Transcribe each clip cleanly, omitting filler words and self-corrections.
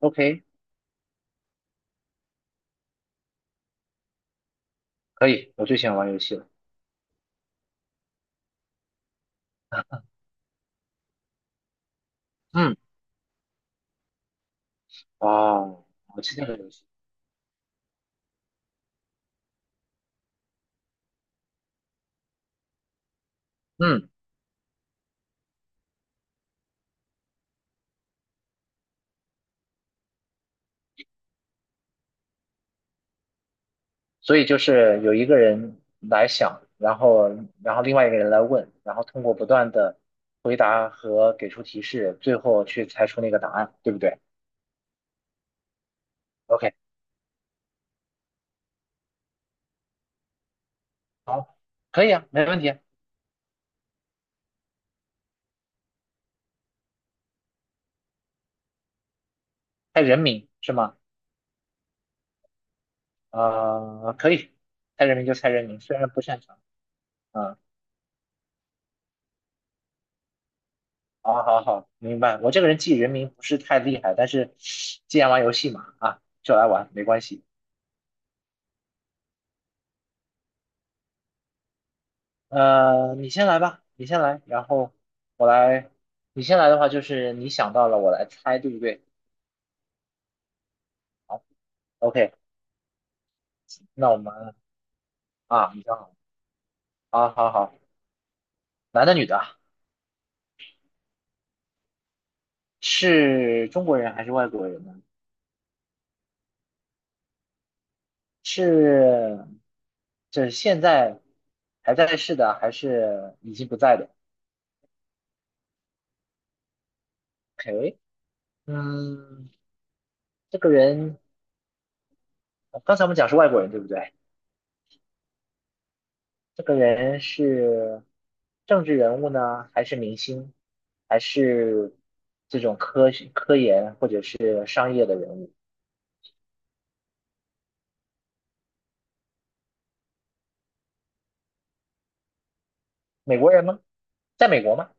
OK，可以，我最喜欢玩游戏了。嗯，哦，我知道这游戏。嗯，所以就是有一个人来想，然后另外一个人来问，然后通过不断的回答和给出提示，最后去猜出那个答案，对不对？OK，好，可以啊，没问题啊。猜人名是吗？啊、可以，猜人名就猜人名，虽然不擅长。啊，好好好，明白。我这个人记人名不是太厉害，但是既然玩游戏嘛，啊，就来玩，没关系。你先来吧，你先来，然后我来。你先来的话，就是你想到了，我来猜，对不对？好，OK，那我们啊，你想好了好好好，男的女的啊是中国人还是外国人呢？是，这现在还在世的啊，还是已经不在的？OK，嗯，这个人，刚才我们讲是外国人，对不对？这个人是政治人物呢，还是明星，还是这种科学科研或者是商业的人物？美国人吗？在美国吗？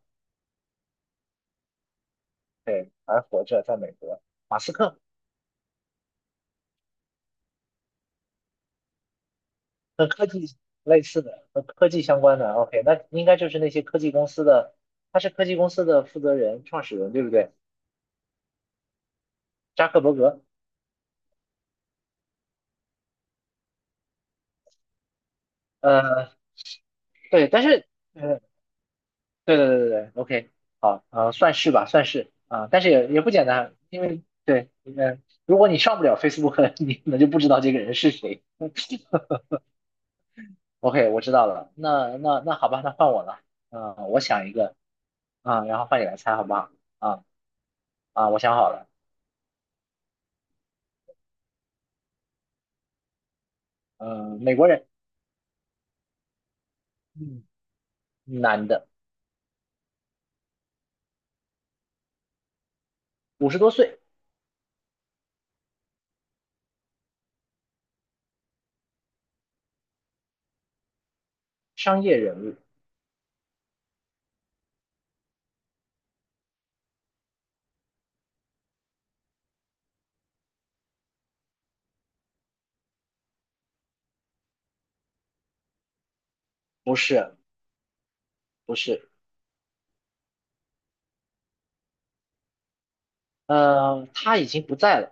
对，还活着，在美国。马斯克和科技类似的，和科技相关的。OK，那应该就是那些科技公司的，他是科技公司的负责人、创始人，对不对？扎克伯格。呃，对，但是呃，对对对对对，OK，好，算是吧，算是啊、但是也不简单，因为对，如果你上不了 Facebook，你可能就不知道这个人是谁。OK，我知道了，那好吧，那换我了，嗯、我想一个，啊、然后换你来猜好不好？啊啊，我想好了，嗯、美国人，嗯，男的，五十多岁，商业人物，不是不是，他已经不在了，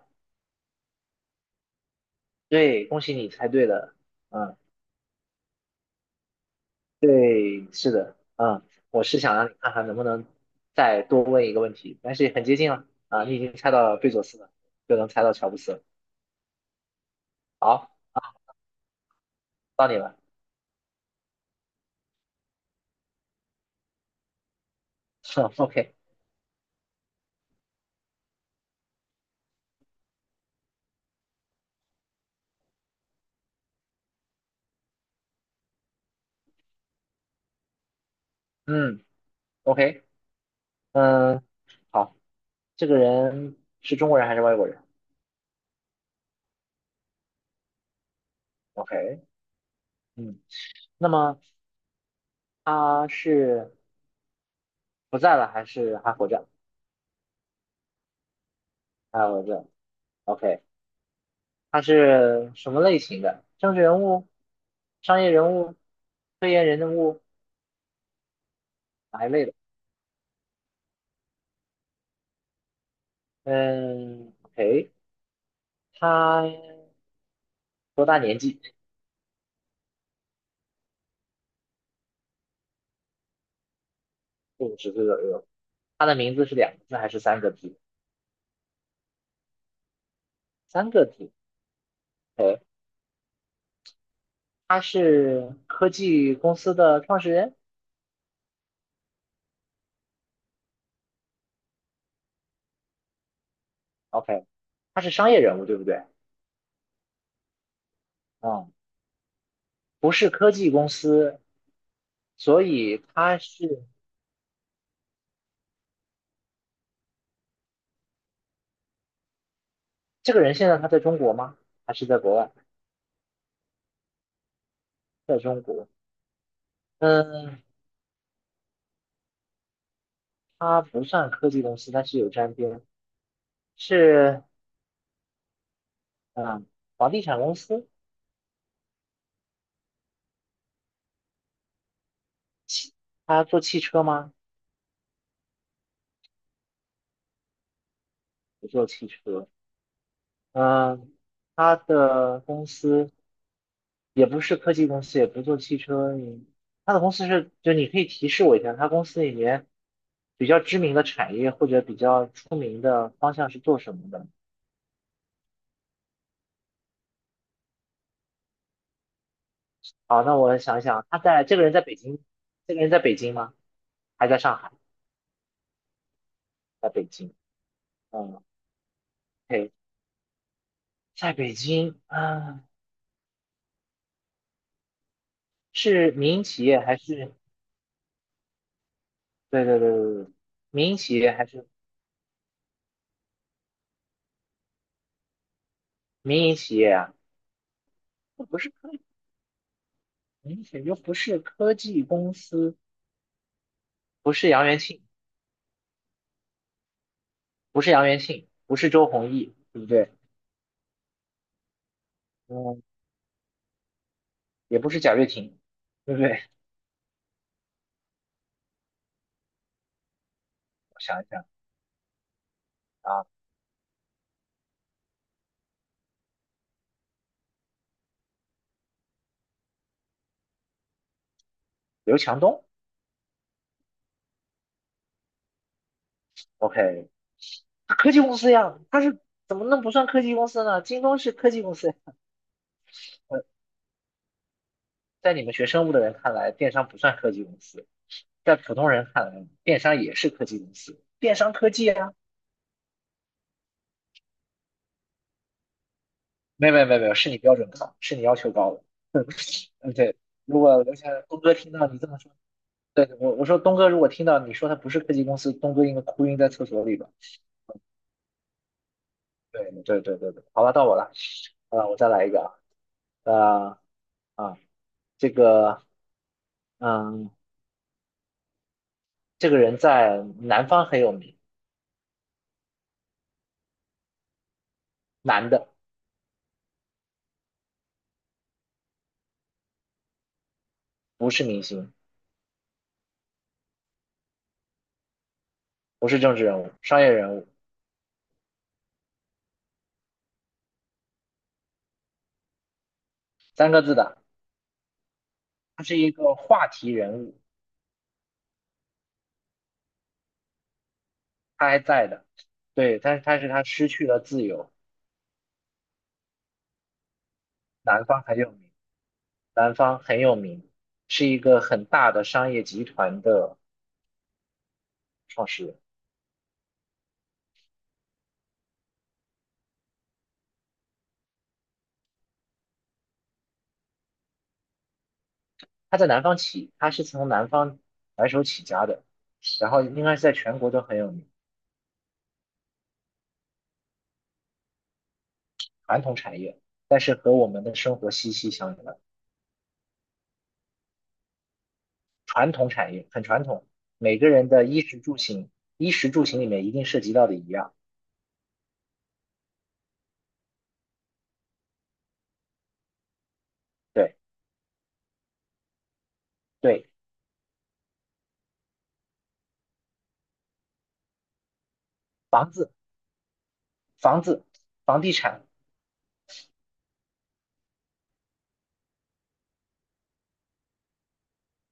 对，恭喜你猜对了，嗯、对，是的，嗯，我是想让你看看能不能再多问一个问题，但是很接近了啊，你已经猜到了贝佐斯了，就能猜到乔布斯了好，到你了。OK，嗯，OK，嗯，好，这个人是中国人还是外国人？OK，嗯，那么他是不在了还是还活着？还活着。OK，他是什么类型的？政治人物、商业人物、科研人物哪一类的？嗯，OK。他多大年纪？四五十岁左右。他的名字是两个字还是三个字？三个字。OK，他是科技公司的创始人。OK，他是商业人物，对不对？嗯，不是科技公司，所以他是这个人。现在他在中国吗？还是在国外？在中国。嗯，他不算科技公司，但是有沾边。是嗯，房地产公司。他做汽车吗？不做汽车。嗯，他的公司也不是科技公司，也不做汽车，你他的公司是，就你可以提示我一下，他公司里面比较知名的产业或者比较出名的方向是做什么的？好，那我想一想，他在这个人在北京，这个人在北京吗？还在上海？在北京，嗯 o 在北京，啊，是民营企业还是？对对对对对，民营企业还是民营企业啊？那不是科明显就不是科技公司，不是杨元庆，不是杨元庆，不是周鸿祎，对不对？嗯，也不是贾跃亭，对不对？我想一想啊，刘强东，OK，科技公司呀，他是怎么能不算科技公司呢？京东是科技公司，呃，在你们学生物的人看来，电商不算科技公司，在普通人看来，电商也是科技公司，电商科技啊，没有没有没有没有，是你标准高，是你要求高了，嗯，对。如果刘强东哥听到你这么说。对，我说东哥，如果听到你说他不是科技公司，东哥应该哭晕在厕所里吧？对对对对对，好了，到我了，啊、我再来一个啊，呃啊，这个嗯，这个人在南方很有名，男的，不是明星，不是政治人物，商业人物，三个字的，他是一个话题人物，他还在的，对，但是他失去了自由，南方很有名，南方很有名，是一个很大的商业集团的创始人。他在南方起，他是从南方白手起家的，然后应该是在全国都很有名，传统产业，但是和我们的生活息息相关。传统产业很传统，每个人的衣食住行，衣食住行里面一定涉及到的一样，对对，房子房子房地产，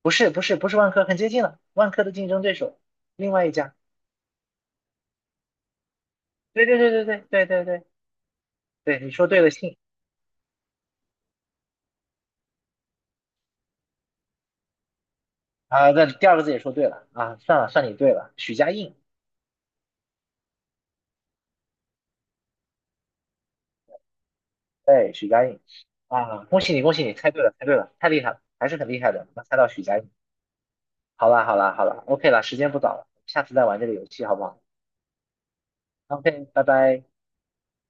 不是不是不是万科，很接近了，万科的竞争对手，另外一家，对对对对对对对对对，你说对了，姓啊，那第二个字也说对了啊，算了算你对了，许家印。对，许佳颖啊，恭喜你，恭喜你，猜对了，猜对了，太厉害了，还是很厉害的，能猜到许佳颖。好啦，好啦，好啦，OK 了，时间不早了，下次再玩这个游戏好不好？OK，拜拜。